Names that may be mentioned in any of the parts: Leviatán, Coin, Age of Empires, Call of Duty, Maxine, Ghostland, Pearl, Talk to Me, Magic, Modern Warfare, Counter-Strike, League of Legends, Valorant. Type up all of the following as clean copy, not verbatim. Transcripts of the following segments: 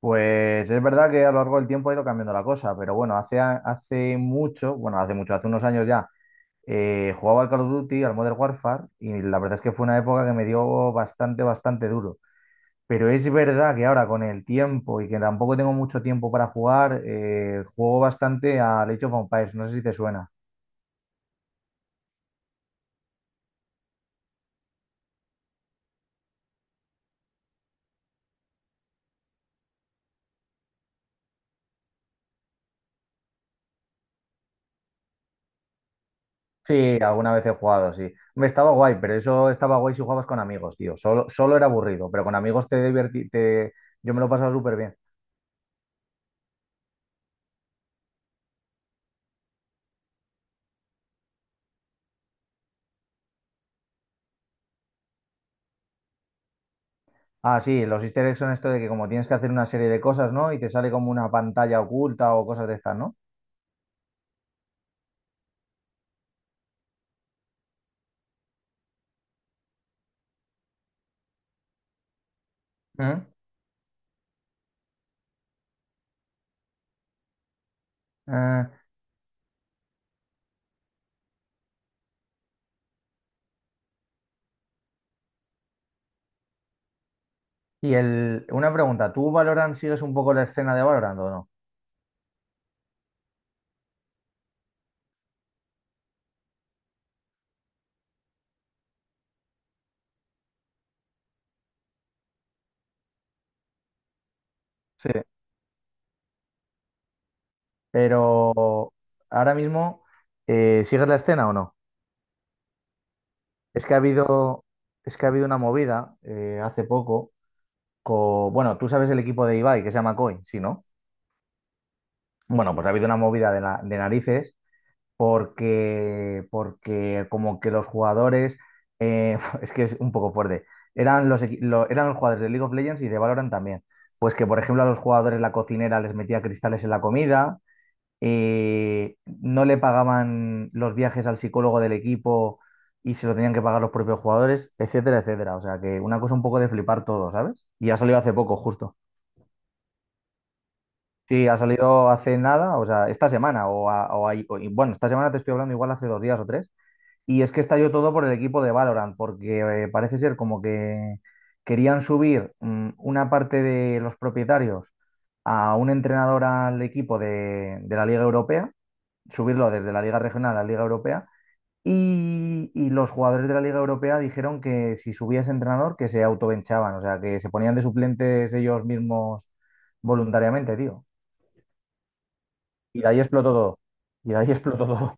Pues es verdad que a lo largo del tiempo ha ido cambiando la cosa, pero bueno, hace mucho, bueno, hace unos años ya, jugaba al Call of Duty, al Modern Warfare, y la verdad es que fue una época que me dio bastante, bastante duro. Pero es verdad que ahora con el tiempo y que tampoco tengo mucho tiempo para jugar, juego bastante al Age of Empires, no sé si te suena. Sí, alguna vez he jugado, sí. Me estaba guay, pero eso estaba guay si jugabas con amigos, tío. Solo, solo era aburrido, pero con amigos te divertí, yo me lo pasaba súper bien. Ah, sí, los easter eggs son esto de que como tienes que hacer una serie de cosas, ¿no? Y te sale como una pantalla oculta o cosas de estas, ¿no? ¿Mm? Ah, y una pregunta, ¿tú Valorant sigues un poco la escena de Valorant o no? Sí. Pero ahora mismo, ¿sigues la escena o no? Es que ha habido, es que ha habido una movida hace poco, bueno, tú sabes el equipo de Ibai que se llama Coin, ¿sí, no? Bueno, pues ha habido una movida de, de narices porque, como que los jugadores, es que es un poco fuerte, eran los jugadores de League of Legends y de Valorant también. Pues que, por ejemplo, a los jugadores la cocinera les metía cristales en la comida, no le pagaban los viajes al psicólogo del equipo y se lo tenían que pagar los propios jugadores, etcétera, etcétera. O sea que una cosa un poco de flipar todo, ¿sabes? Y ha salido hace poco, justo. Sí, ha salido hace nada, o sea, esta semana, o, a- o ahí- o- y bueno, esta semana te estoy hablando igual hace 2 días o 3, y es que estalló todo por el equipo de Valorant, porque parece ser como que querían subir una parte de los propietarios a un entrenador al equipo de la Liga Europea, subirlo desde la Liga Regional a la Liga Europea, y los jugadores de la Liga Europea dijeron que si subía ese entrenador, que se autobenchaban, o sea, que se ponían de suplentes ellos mismos voluntariamente, tío. Y de ahí explotó todo. Y de ahí explotó todo.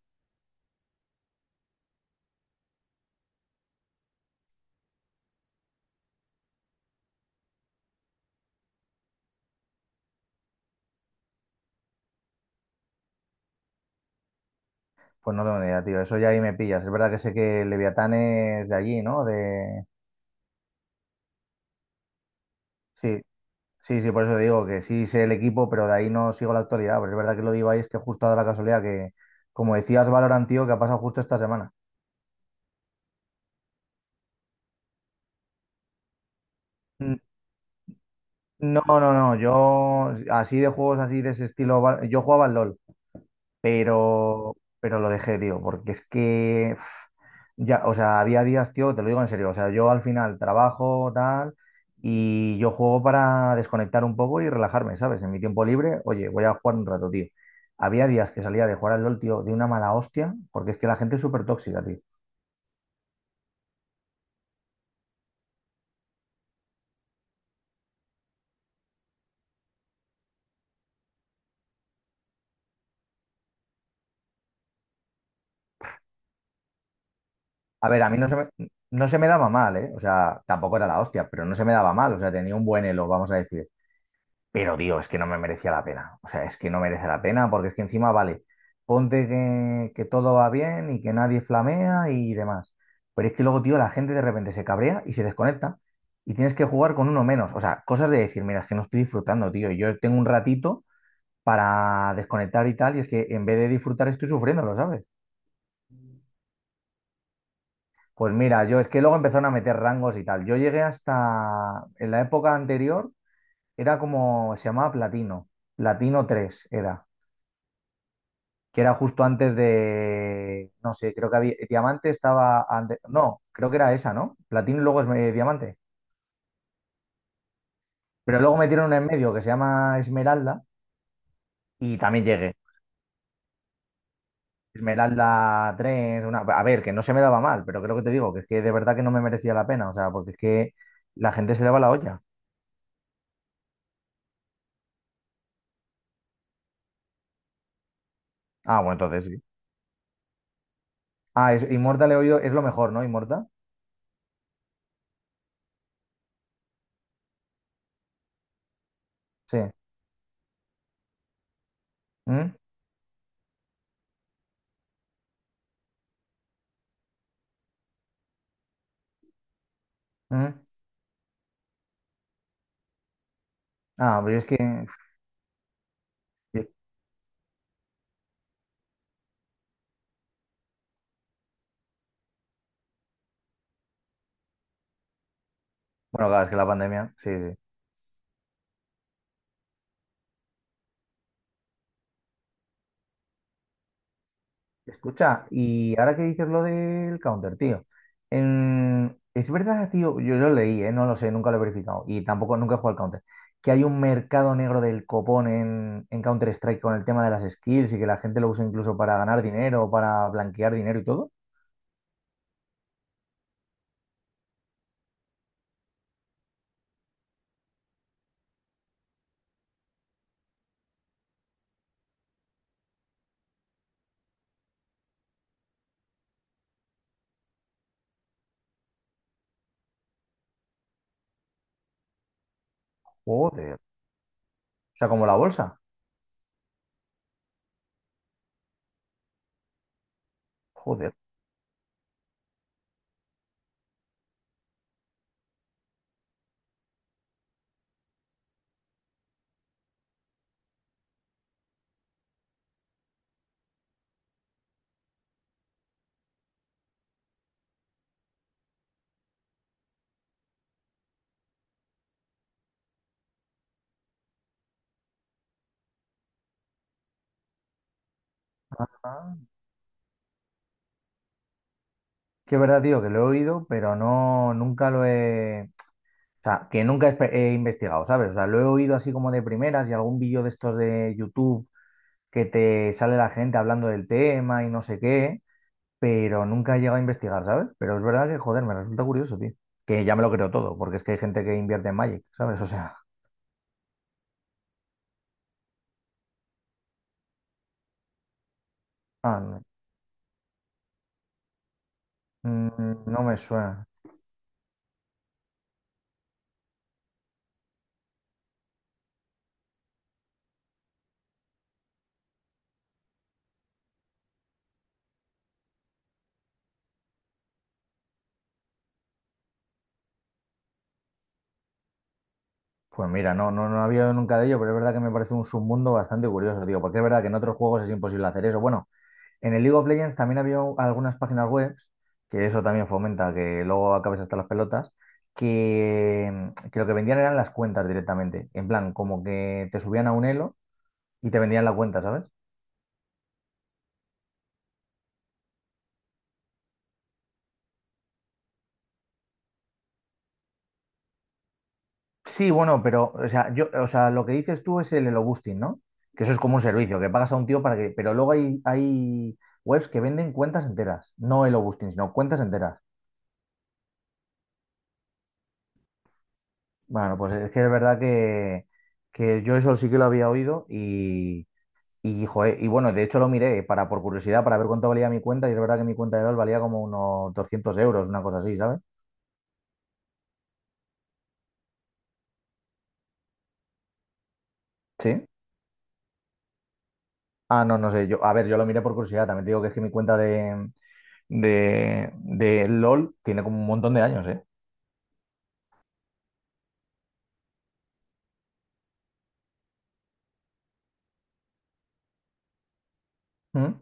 Pues no tengo ni idea, tío. Eso ya ahí me pillas. Es verdad que sé que Leviatán es de allí, ¿no? Sí, sí, sí, por eso digo que sí sé el equipo, pero de ahí no sigo la actualidad. Pero es verdad que lo digo ahí, es que justo ha dado la casualidad que, como decías, Valorant, tío, que ha pasado justo esta semana. N- No, no, no. Yo, así de juegos así de ese estilo, yo jugaba al LOL. Pero lo dejé, tío, porque es que, uf, ya, o sea, había días, tío, te lo digo en serio, o sea, yo al final trabajo, tal, y yo juego para desconectar un poco y relajarme, ¿sabes? En mi tiempo libre, oye, voy a jugar un rato, tío. Había días que salía de jugar al LOL, tío, de una mala hostia, porque es que la gente es súper tóxica, tío. A ver, a mí no se me, no se me daba mal, ¿eh? O sea, tampoco era la hostia, pero no se me daba mal, o sea, tenía un buen elo, vamos a decir. Pero, tío, es que no me merecía la pena. O sea, es que no merece la pena porque es que encima, vale, ponte que todo va bien y que nadie flamea y demás. Pero es que luego, tío, la gente de repente se cabrea y se desconecta y tienes que jugar con uno menos. O sea, cosas de decir, mira, es que no estoy disfrutando, tío. Yo tengo un ratito para desconectar y tal y es que en vez de disfrutar estoy sufriendo, ¿lo sabes? Pues mira, yo es que luego empezaron a meter rangos y tal. Yo llegué hasta, en la época anterior, era como, se llamaba Platino. Platino 3 era. Que era justo antes de, no sé, creo que había, Diamante estaba antes, no, creo que era esa, ¿no? Platino y luego es Diamante. Pero luego metieron una en medio que se llama Esmeralda y también llegué. Esmeralda 3 a ver, que no se me daba mal, pero creo que te digo que es que de verdad que no me merecía la pena, o sea, porque es que la gente se le va la olla. Ah, bueno, entonces sí. Ah, es, Inmorta le he oído, es lo mejor, ¿no? Inmortal, sí. ¿Mm? ¿Mm? Ah, pero es que, bueno, claro, es que la pandemia, sí, sí. Sí. Escucha, y ahora que dices lo del counter, tío. Es verdad, tío, yo lo leí, ¿eh? No lo sé, nunca lo he verificado. Y tampoco nunca he jugado al counter. Que hay un mercado negro del copón en Counter-Strike con el tema de las skills y que la gente lo usa incluso para ganar dinero, para blanquear dinero y todo. Joder. O sea, como la bolsa. Joder. Ah. Que es verdad, tío, que lo he oído, pero no, nunca lo he. O sea, que nunca he, he investigado, ¿sabes? O sea, lo he oído así como de primeras y algún vídeo de estos de YouTube que te sale la gente hablando del tema y no sé qué, pero nunca he llegado a investigar, ¿sabes? Pero es verdad que, joder, me resulta curioso, tío. Que ya me lo creo todo, porque es que hay gente que invierte en Magic, ¿sabes? O sea, ah, no, no me suena. Pues mira, no, no, no había oído nunca de ello, pero es verdad que me parece un submundo bastante curioso, tío, porque es verdad que en otros juegos es imposible hacer eso. Bueno, en el League of Legends también había algunas páginas web, que eso también fomenta que luego acabes hasta las pelotas, que, que lo que vendían eran las cuentas directamente. En plan, como que te subían a un elo y te vendían la cuenta, ¿sabes? Sí, bueno, pero, o sea, yo, o sea, lo que dices tú es el elo boosting, ¿no? Que eso es como un servicio, que pagas a un tío para que. Pero luego hay webs que venden cuentas enteras, no elo boosting, sino cuentas enteras. Bueno, pues es que es verdad que yo eso sí que lo había oído y. Y, joder, y bueno, de hecho lo miré para, por curiosidad para ver cuánto valía mi cuenta y es verdad que mi cuenta de LOL valía como unos €200, una cosa así, ¿sabes? Sí. Ah, no, no sé. Yo, a ver, yo lo miré por curiosidad. También te digo que es que mi cuenta de LOL tiene como un montón de años, ¿eh? ¿Mm?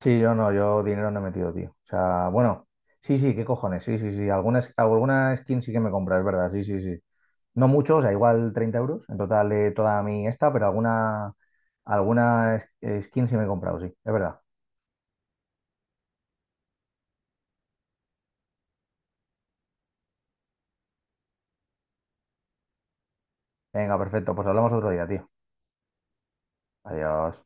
Sí, yo no, yo dinero no he metido, tío. O sea, bueno, sí, sí, qué cojones, sí, sí, sí. Alguna skin sí que me compra, es verdad, sí, sí, sí. No mucho, o sea, igual €30 en total de toda mi esta, pero alguna skin sí me he comprado, sí, es verdad. Venga, perfecto, pues hablamos otro día, tío. Adiós.